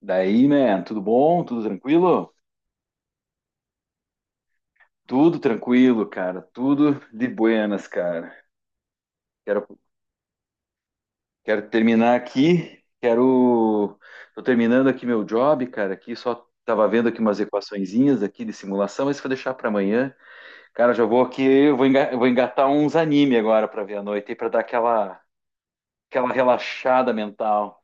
Daí, man, tudo bom? Tudo tranquilo? Tudo tranquilo, cara. Tudo de buenas, cara. Quero, quero terminar aqui. Quero. Tô terminando aqui meu job, cara. Aqui só tava vendo aqui umas equaçõezinhas aqui de simulação, mas isso eu vou deixar pra amanhã. Cara, já vou aqui, eu vou engatar uns anime agora pra ver à noite, aí pra dar aquela, aquela relaxada mental.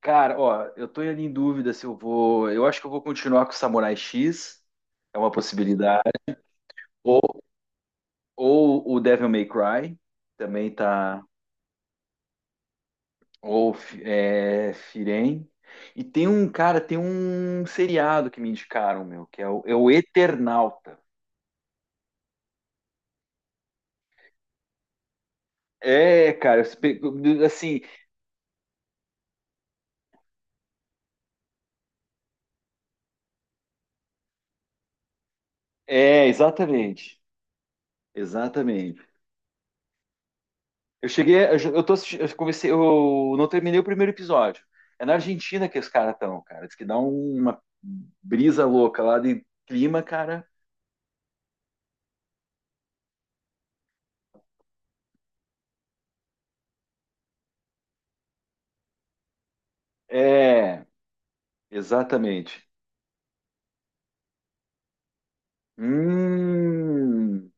Cara, ó, eu tô ali em dúvida se eu vou. Eu acho que eu vou continuar com o Samurai X. É uma possibilidade. Ou o Devil May Cry, também tá. Ou é, Firen. E tem um seriado que me indicaram, meu, que é é o Eternauta. É, cara, assim, é, exatamente. Exatamente. Eu cheguei, eu tô assistindo, eu comecei, eu não terminei o primeiro episódio. É na Argentina que os caras estão, cara. Diz que uma brisa louca lá de clima, cara. É, exatamente. Hum.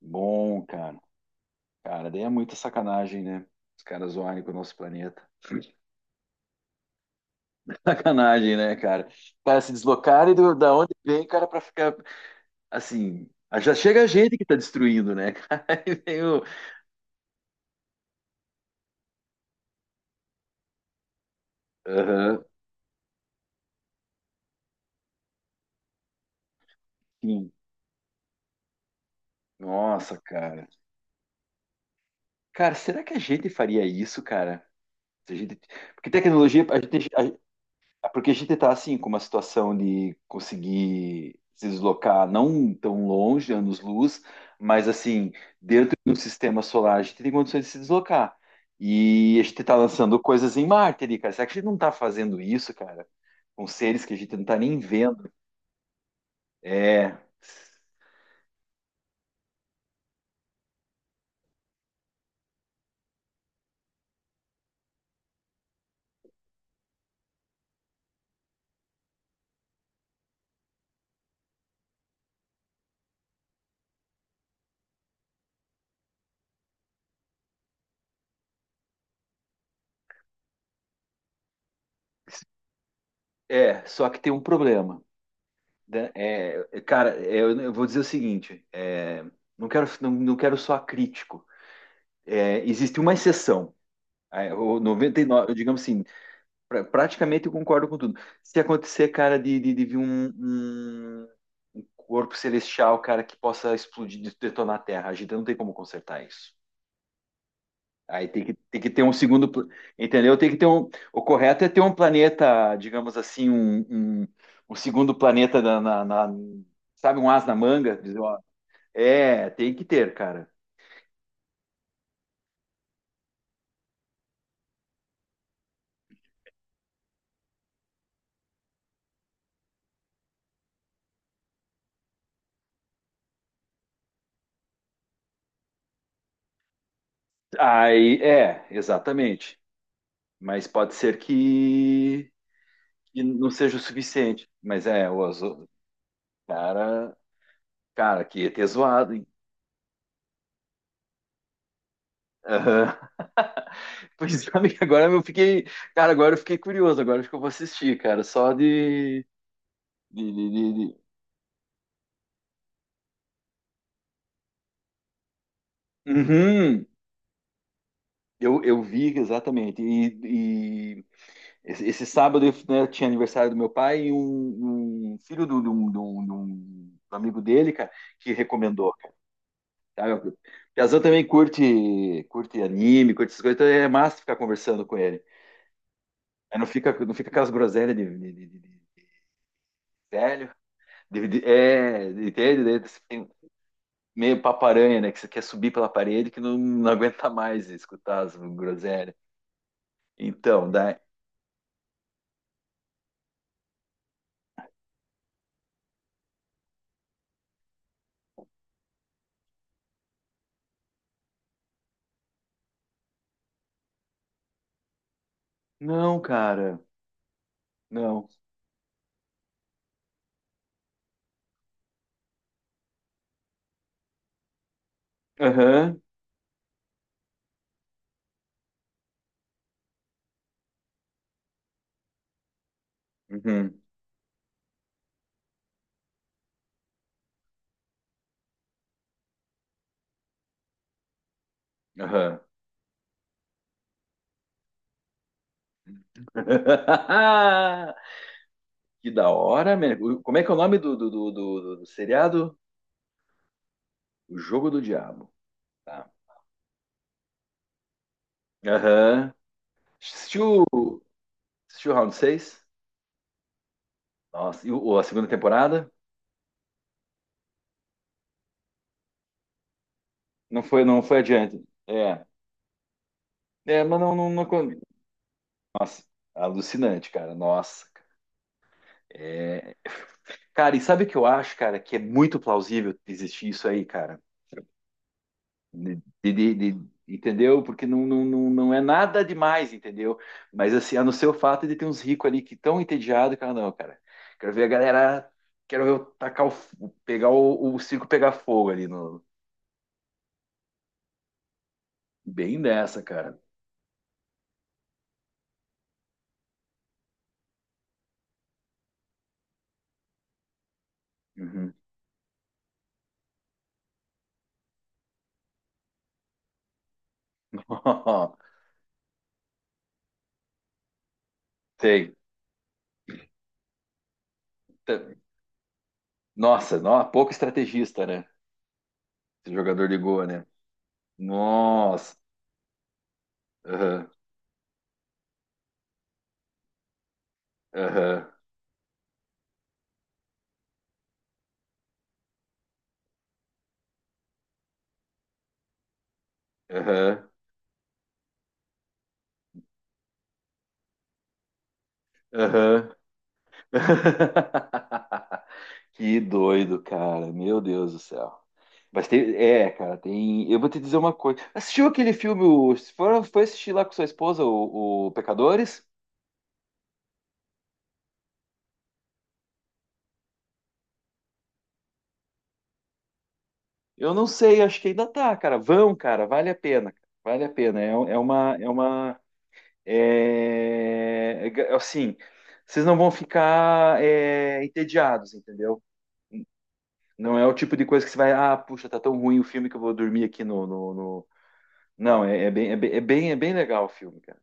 Bom, cara. Cara, daí é muita sacanagem, né? Os caras zoarem com o nosso planeta. Sacanagem, né, cara? Cara, se deslocarem da onde vem, cara, pra ficar assim. Ah, Já chega a gente que tá destruindo, né, cara? Aham, sim. Nossa, cara. Cara, será que a gente faria isso, cara? Se a gente... Porque tecnologia, a gente, é porque a gente está assim com uma situação de conseguir se deslocar não tão longe, anos-luz, mas assim, dentro do sistema solar a gente tem condições de se deslocar. E a gente está lançando coisas em Marte ali, cara. Será que a gente não está fazendo isso, cara? Com seres que a gente não está nem vendo. É, só que tem um problema, né? Eu vou dizer o seguinte, não quero, não quero soar crítico. É, existe uma exceção. Aí, o 99 digamos assim, praticamente eu concordo com tudo. Se acontecer, cara, de vir um, um corpo celestial, cara, que possa explodir, detonar a Terra, a gente não tem como consertar isso. Tem que ter um segundo, entendeu? Tem que ter um, o correto é ter um planeta, digamos assim, um, um segundo planeta sabe, um as na manga, dizer, ó, é, tem que ter, cara. Aí, é, exatamente. Mas pode ser que não seja o suficiente. Mas é, o azul, cara, cara, que ia ter zoado, hein? Aham. Pois é, amigo, agora eu fiquei, cara, agora eu fiquei curioso, agora acho que eu vou assistir, cara, só de, de, de- de- Uhum. Eu vi exatamente, e esse sábado né, tinha aniversário do meu pai e um filho do amigo dele, cara, que recomendou, cara, sabe? Piazão também curte, curte anime, curte essas coisas, então é massa ficar conversando com ele. Aí não fica, não fica aquelas groselhas de velho. Entende? Daí você tem meio paparanha, né? Que você quer subir pela parede que não aguenta mais escutar as groselhas. Então, daí. Não, cara. Não. Aham. Uhum. Aham. Que da hora, man. Como é que é o nome do seriado? O Jogo do Diabo. Tá. Aham. Assistiu, assistiu o Round 6? Nossa, e a segunda temporada? Não foi, não foi adiante. É, é, mas não, não, não. con- Nossa, alucinante, cara. Nossa. É, cara, e sabe o que eu acho, cara? Que é muito plausível existir isso aí, cara. Entendeu? Porque não é nada demais, entendeu? Mas assim, a não ser o fato de ter uns ricos ali que tão entediados, cara, não, cara. Quero ver a galera. Quero ver eu tacar pegar o circo pegar fogo ali no. Bem dessa, cara. Uhum. Sei. Nossa, pouco estrategista, né? Esse jogador de Goa, né? Nossa. Aham, aham, aham, aham. Que doido, cara. Meu Deus do céu. Mas tem, é, cara, tem. Eu vou te dizer uma coisa. Assistiu aquele filme? O- se for- Foi assistir lá com sua esposa, o Pecadores? Eu não sei, acho que ainda tá, cara. Vão, cara, vale a pena. Vale a pena. É, um, é uma, é uma, É, é, assim, vocês não vão ficar é, entediados, entendeu? Não é o tipo de coisa que você vai, ah, puxa, tá tão ruim o filme que eu vou dormir aqui no... Não, é bem legal o filme, cara.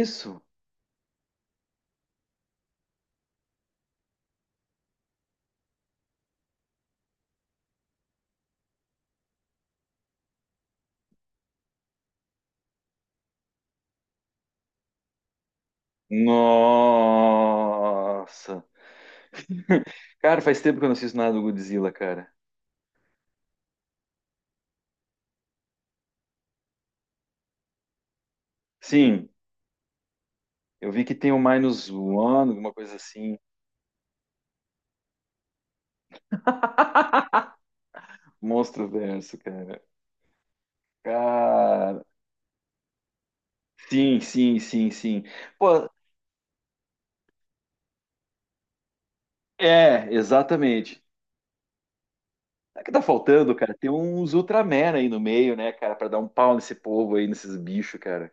Isso. Nossa. Cara, faz tempo que eu não assisto nada do Godzilla, cara. Sim, eu vi que tem o Minus One, alguma coisa assim. Monstro Verso, cara. Cara, sim, sim, sim, sim. Pô, é, exatamente. Sabe o que tá faltando, cara? Tem uns Ultraman aí no meio, né, cara, pra dar um pau nesse povo aí, nesses bichos, cara.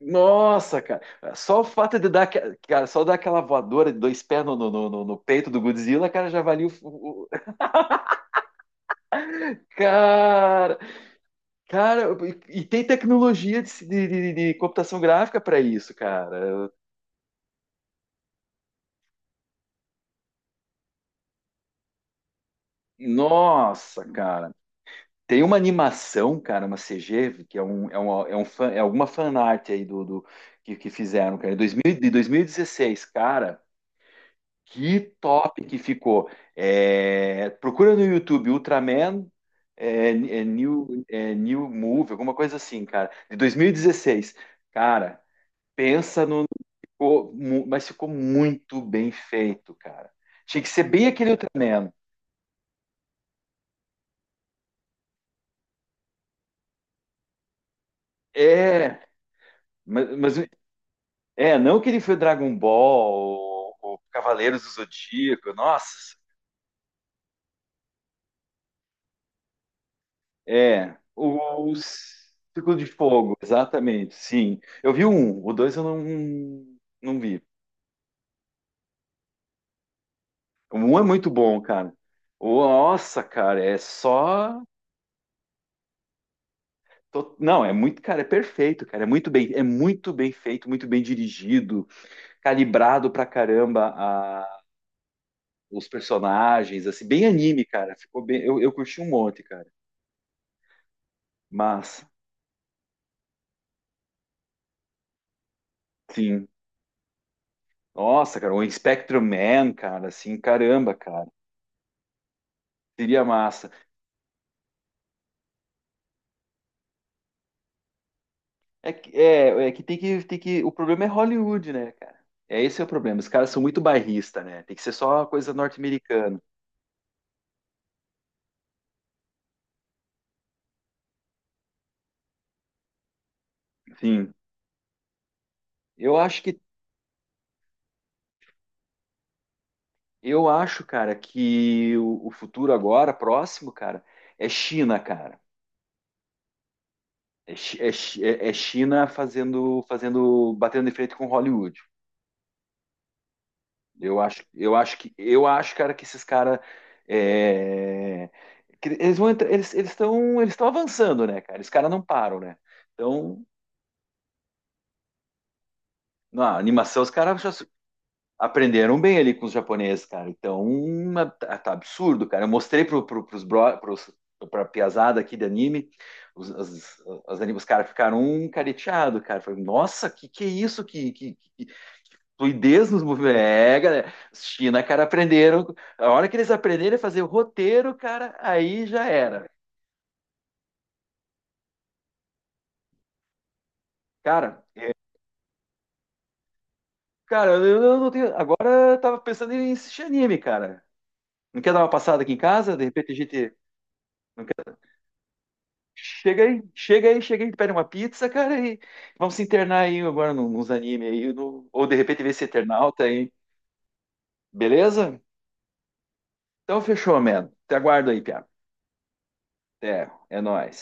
Nossa, cara, só o fato de dar, aque- cara, só dar aquela voadora de dois pés no peito do Godzilla, cara, já valia cara, cara, e tem tecnologia de computação gráfica para isso, cara. Nossa, cara. Tem uma animação, cara, uma CG, que é é um fan, é alguma fanart aí do que fizeram, cara, em 2000 de 2016, cara, que top que ficou. É, procura no YouTube Ultraman New, New Move, alguma coisa assim, cara, de 2016. Cara, pensa no. Mas ficou muito bem feito, cara. Tinha que ser bem aquele Ultraman. É, mas é, não que ele foi Dragon Ball, ou Cavaleiros do Zodíaco, nossa. É, o Círculo de Fogo, exatamente, sim. Eu vi um, o dois eu não, não vi. O um é muito bom, cara. Nossa, cara, é só. Não, é muito, cara, é perfeito, cara. É muito bem feito, muito bem dirigido, calibrado pra caramba os personagens, assim, bem anime, cara. Ficou bem. Eu curti um monte, cara. Mas, sim. Nossa, cara, o Spectrum Man, cara, assim, caramba, cara. Seria massa. É que tem que tem que o problema é Hollywood, né, cara? É esse é o problema. Os caras são muito bairrista, né? Tem que ser só uma coisa norte-americana. Enfim, eu acho que eu acho, cara, que o futuro agora próximo, cara, é China, cara. É, é China fazendo fazendo batendo de frente com Hollywood. Eu acho, cara, que esses caras é, que eles vão entrar, eles estão avançando, né, cara? Esses caras não param, né? Então, na animação os caras já se- aprenderam bem ali com os japoneses, cara. Então, tá, tá absurdo, cara. Eu mostrei pro, pro, pros bro, pros, pra piazada aqui de anime, os, as, os caras ficaram um careteado, cara. Falei, nossa, que é isso? Fluidez nos movimentos. É, galera. Os China, cara, aprenderam. A hora que eles aprenderem a fazer o roteiro, cara, aí já era. Cara, eu- cara, eu não tenho. Agora eu tava pensando em assistir anime, cara. Não quer dar uma passada aqui em casa? De repente a gente. Não quer... chega aí, pede uma pizza, cara, e vamos se internar aí agora nos animes aí. Ou de repente ver esse Eternauta aí. Beleza? Então fechou, mano. Te aguardo aí, Piá. Até, é nóis.